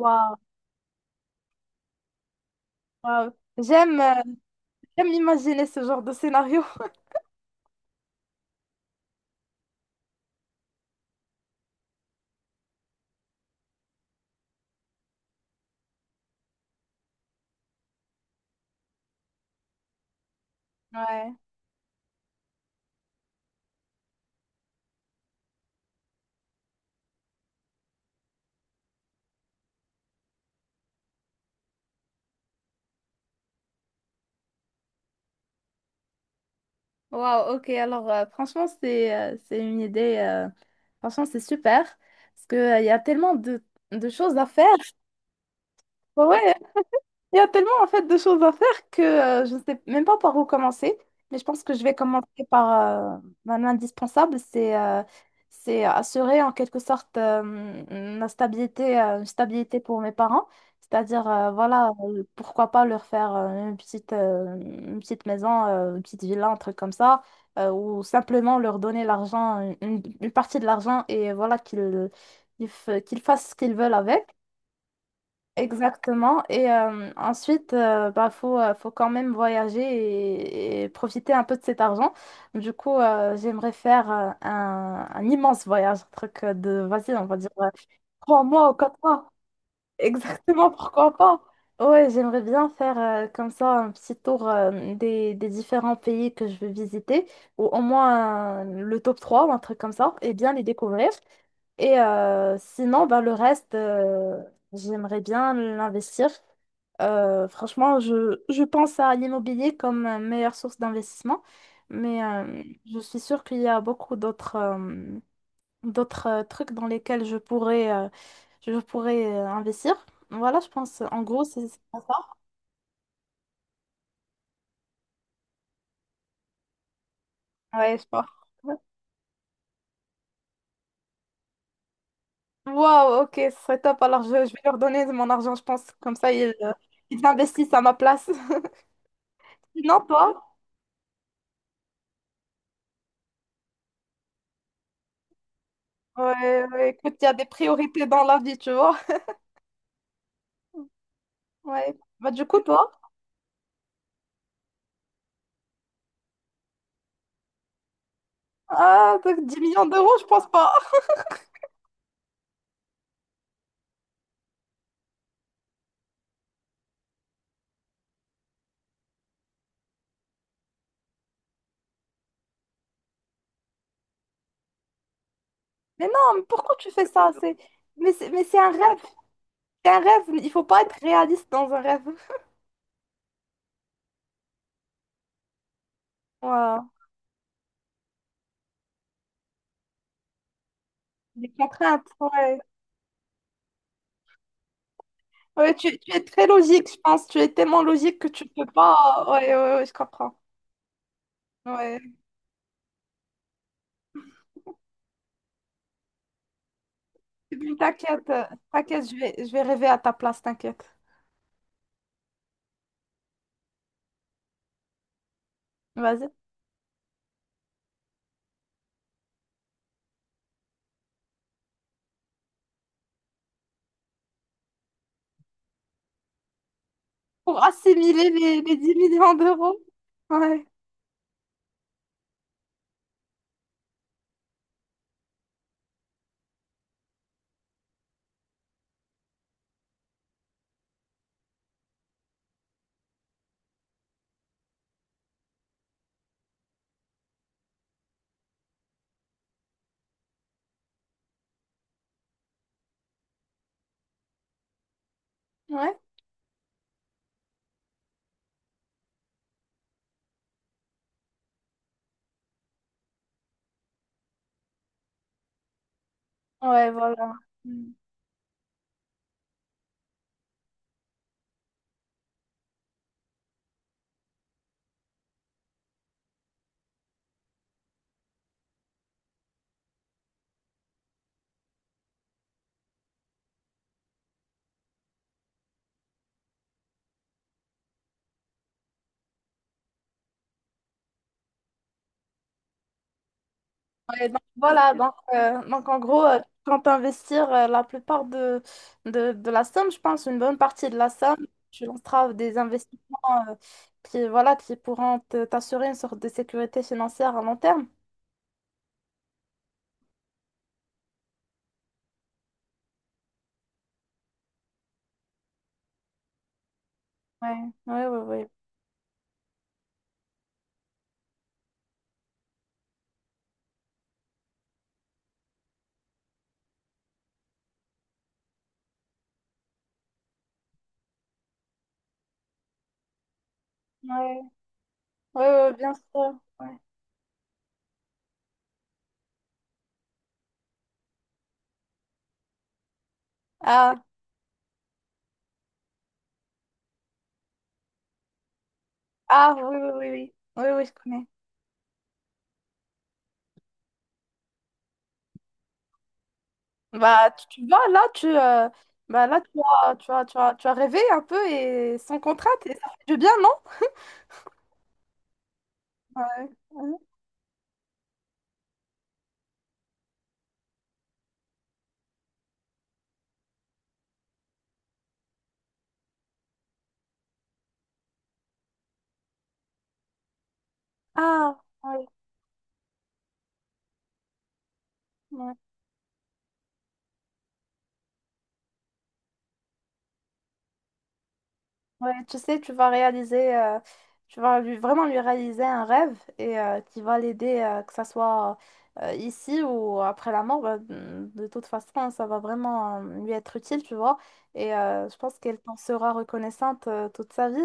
Waouh, waouh. J'aime, j'aime imaginer ce genre de scénario. Ouais. Wow, ok. Alors, franchement, c'est c'est une idée. Franchement, c'est super. Parce que il y a tellement de choses à faire. Ouais, il y a tellement en fait de choses à faire que je ne sais même pas par où commencer, mais je pense que je vais commencer par un indispensable, c'est c'est assurer en quelque sorte, la stabilité, une stabilité pour mes parents, c'est-à-dire, voilà, pourquoi pas leur faire une une petite maison, une petite villa, un truc comme ça, ou simplement leur donner l'argent, une partie de l'argent et voilà qu'ils qu'ils fassent ce qu'ils veulent avec. Exactement. Et ensuite, bah, faut quand même voyager et profiter un peu de cet argent. Du coup, j'aimerais faire un immense voyage, un truc de, vas-y, on va dire, trois mois ou quatre mois. Exactement, pourquoi pas? Ouais, j'aimerais bien faire comme ça un petit tour des différents pays que je veux visiter, ou au moins le top 3 ou un truc comme ça, et bien les découvrir. Et sinon, bah, le reste, j'aimerais bien l'investir. Franchement, je pense à l'immobilier comme meilleure source d'investissement, mais je suis sûre qu'il y a beaucoup d'autres d'autres trucs dans lesquels je pourrais investir. Voilà, je pense, en gros, c'est ça. Ouais, je pense. Wow, ok, ce serait top. Alors, je vais leur donner de mon argent, je pense. Comme ça, ils, ils investissent à ma place. Sinon, toi? Ouais, ouais, écoute, il y a des priorités dans la vie, tu vois. Ouais. Bah, du coup, toi, ah, donc 10 millions d'euros, je pense pas. Mais non, mais pourquoi tu fais ça? C'est... Mais c'est, mais c'est un rêve. C'est un rêve. Il faut pas être réaliste dans un rêve. Voilà. Des contraintes, ouais. Ouais, tu es très logique, je pense. Tu es tellement logique que tu peux pas. Ouais, ouais, ouais, je comprends. Ouais. T'inquiète, t'inquiète, je vais rêver à ta place, t'inquiète. Vas-y. Pour assimiler les 10 millions d'euros. Ouais, ouais. Ouais, voilà. Mm. Et donc, voilà, donc en gros, quand tu investis la plupart de, de la somme, je pense une bonne partie de la somme, tu lanceras des investissements euh, qui, voilà, qui pourront t'assurer une sorte de sécurité financière à long terme. Ouais, ouais, ouais, ouais. Ouais, ouais, ouais, bien sûr. Ouais. Ah, ah, oui, oui, oui, oui, oui, oui, je connais. Bah, tu vois, là, tu, bah, là, tu as rêvé un peu et sans contrainte, et ça fait du bien, non? Ouais. Ouais. Ah, oui. Ouais, tu sais, tu vas réaliser, tu vas lui, vraiment lui réaliser un rêve et qui va l'aider, que ça soit ici ou après la mort. Bah, de toute façon, hein, ça va vraiment lui être utile, tu vois. Et je pense qu'elle t'en sera reconnaissante toute sa vie.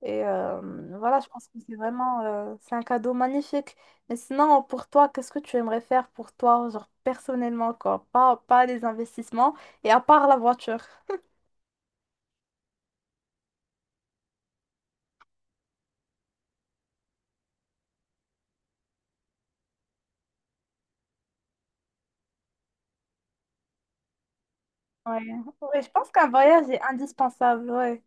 Et voilà, je pense que c'est vraiment, c'est un cadeau magnifique. Mais sinon, pour toi, qu'est-ce que tu aimerais faire pour toi, genre personnellement, quoi? Pas, pas les investissements et à part la voiture. Ouais. Ouais, je pense qu'un voyage est indispensable, ouais.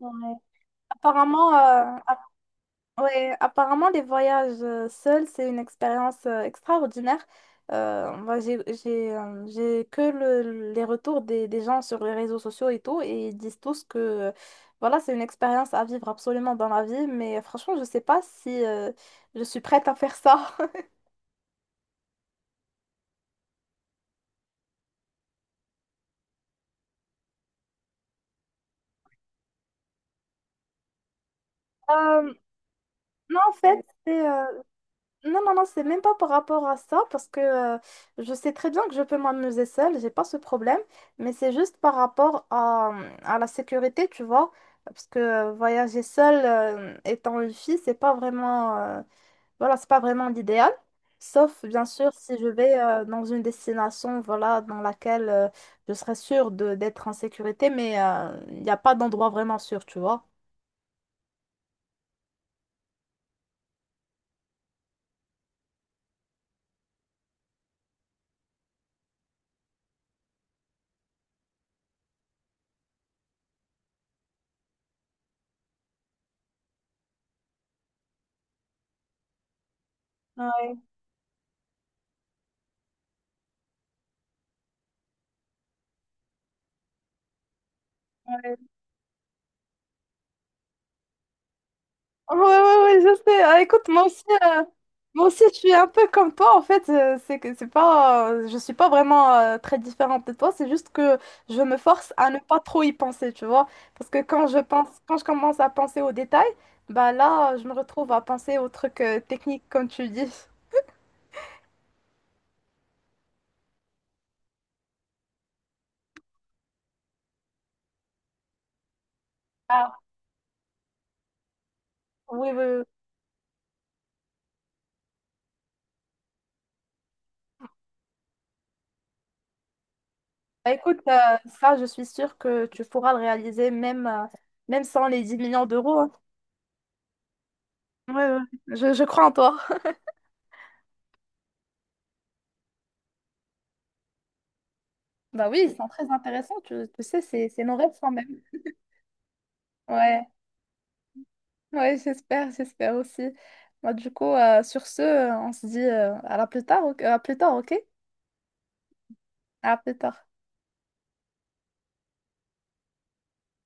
Ouais. Apparemment, ouais, apparemment, les voyages seuls, c'est une expérience extraordinaire. Moi, j'ai que les retours des gens sur les réseaux sociaux et tout, et ils disent tous que voilà, c'est une expérience à vivre absolument dans la vie, mais franchement, je sais pas si je suis prête à faire ça. Euh, non, en fait, non, non, non, c'est même pas par rapport à ça, parce que je sais très bien que je peux m'amuser seule, j'ai pas ce problème, mais c'est juste par rapport à la sécurité, tu vois, parce que voyager seule, étant une fille, c'est pas vraiment, voilà, c'est pas vraiment l'idéal, sauf bien sûr si je vais dans une destination, voilà, dans laquelle je serais sûre de, d'être en sécurité, mais il n'y a pas d'endroit vraiment sûr, tu vois. Ouais, ouais, ouais, ouais, ouais, je sais. Ah, écoute, moi aussi, je suis un peu comme toi, en fait. Euh, c'est que c'est pas, je suis pas vraiment très différente de toi. C'est juste que je me force à ne pas trop y penser, tu vois. Parce que quand je pense, quand je commence à penser aux détails, bah là, je me retrouve à penser aux trucs techniques, comme tu dis. Ah, oui, oui, oui. Bah, écoute, ça, je suis sûre que tu pourras le réaliser, même, même sans les 10 millions d'euros. Hein. Ouais, ouais. Je crois en toi. Bah oui, ils sont très intéressants, tu sais, c'est nos rêves quand même. Ouais, ouais, j'espère, j'espère aussi. Bah du coup, sur ce, on se dit à plus tard, ok? À plus tard.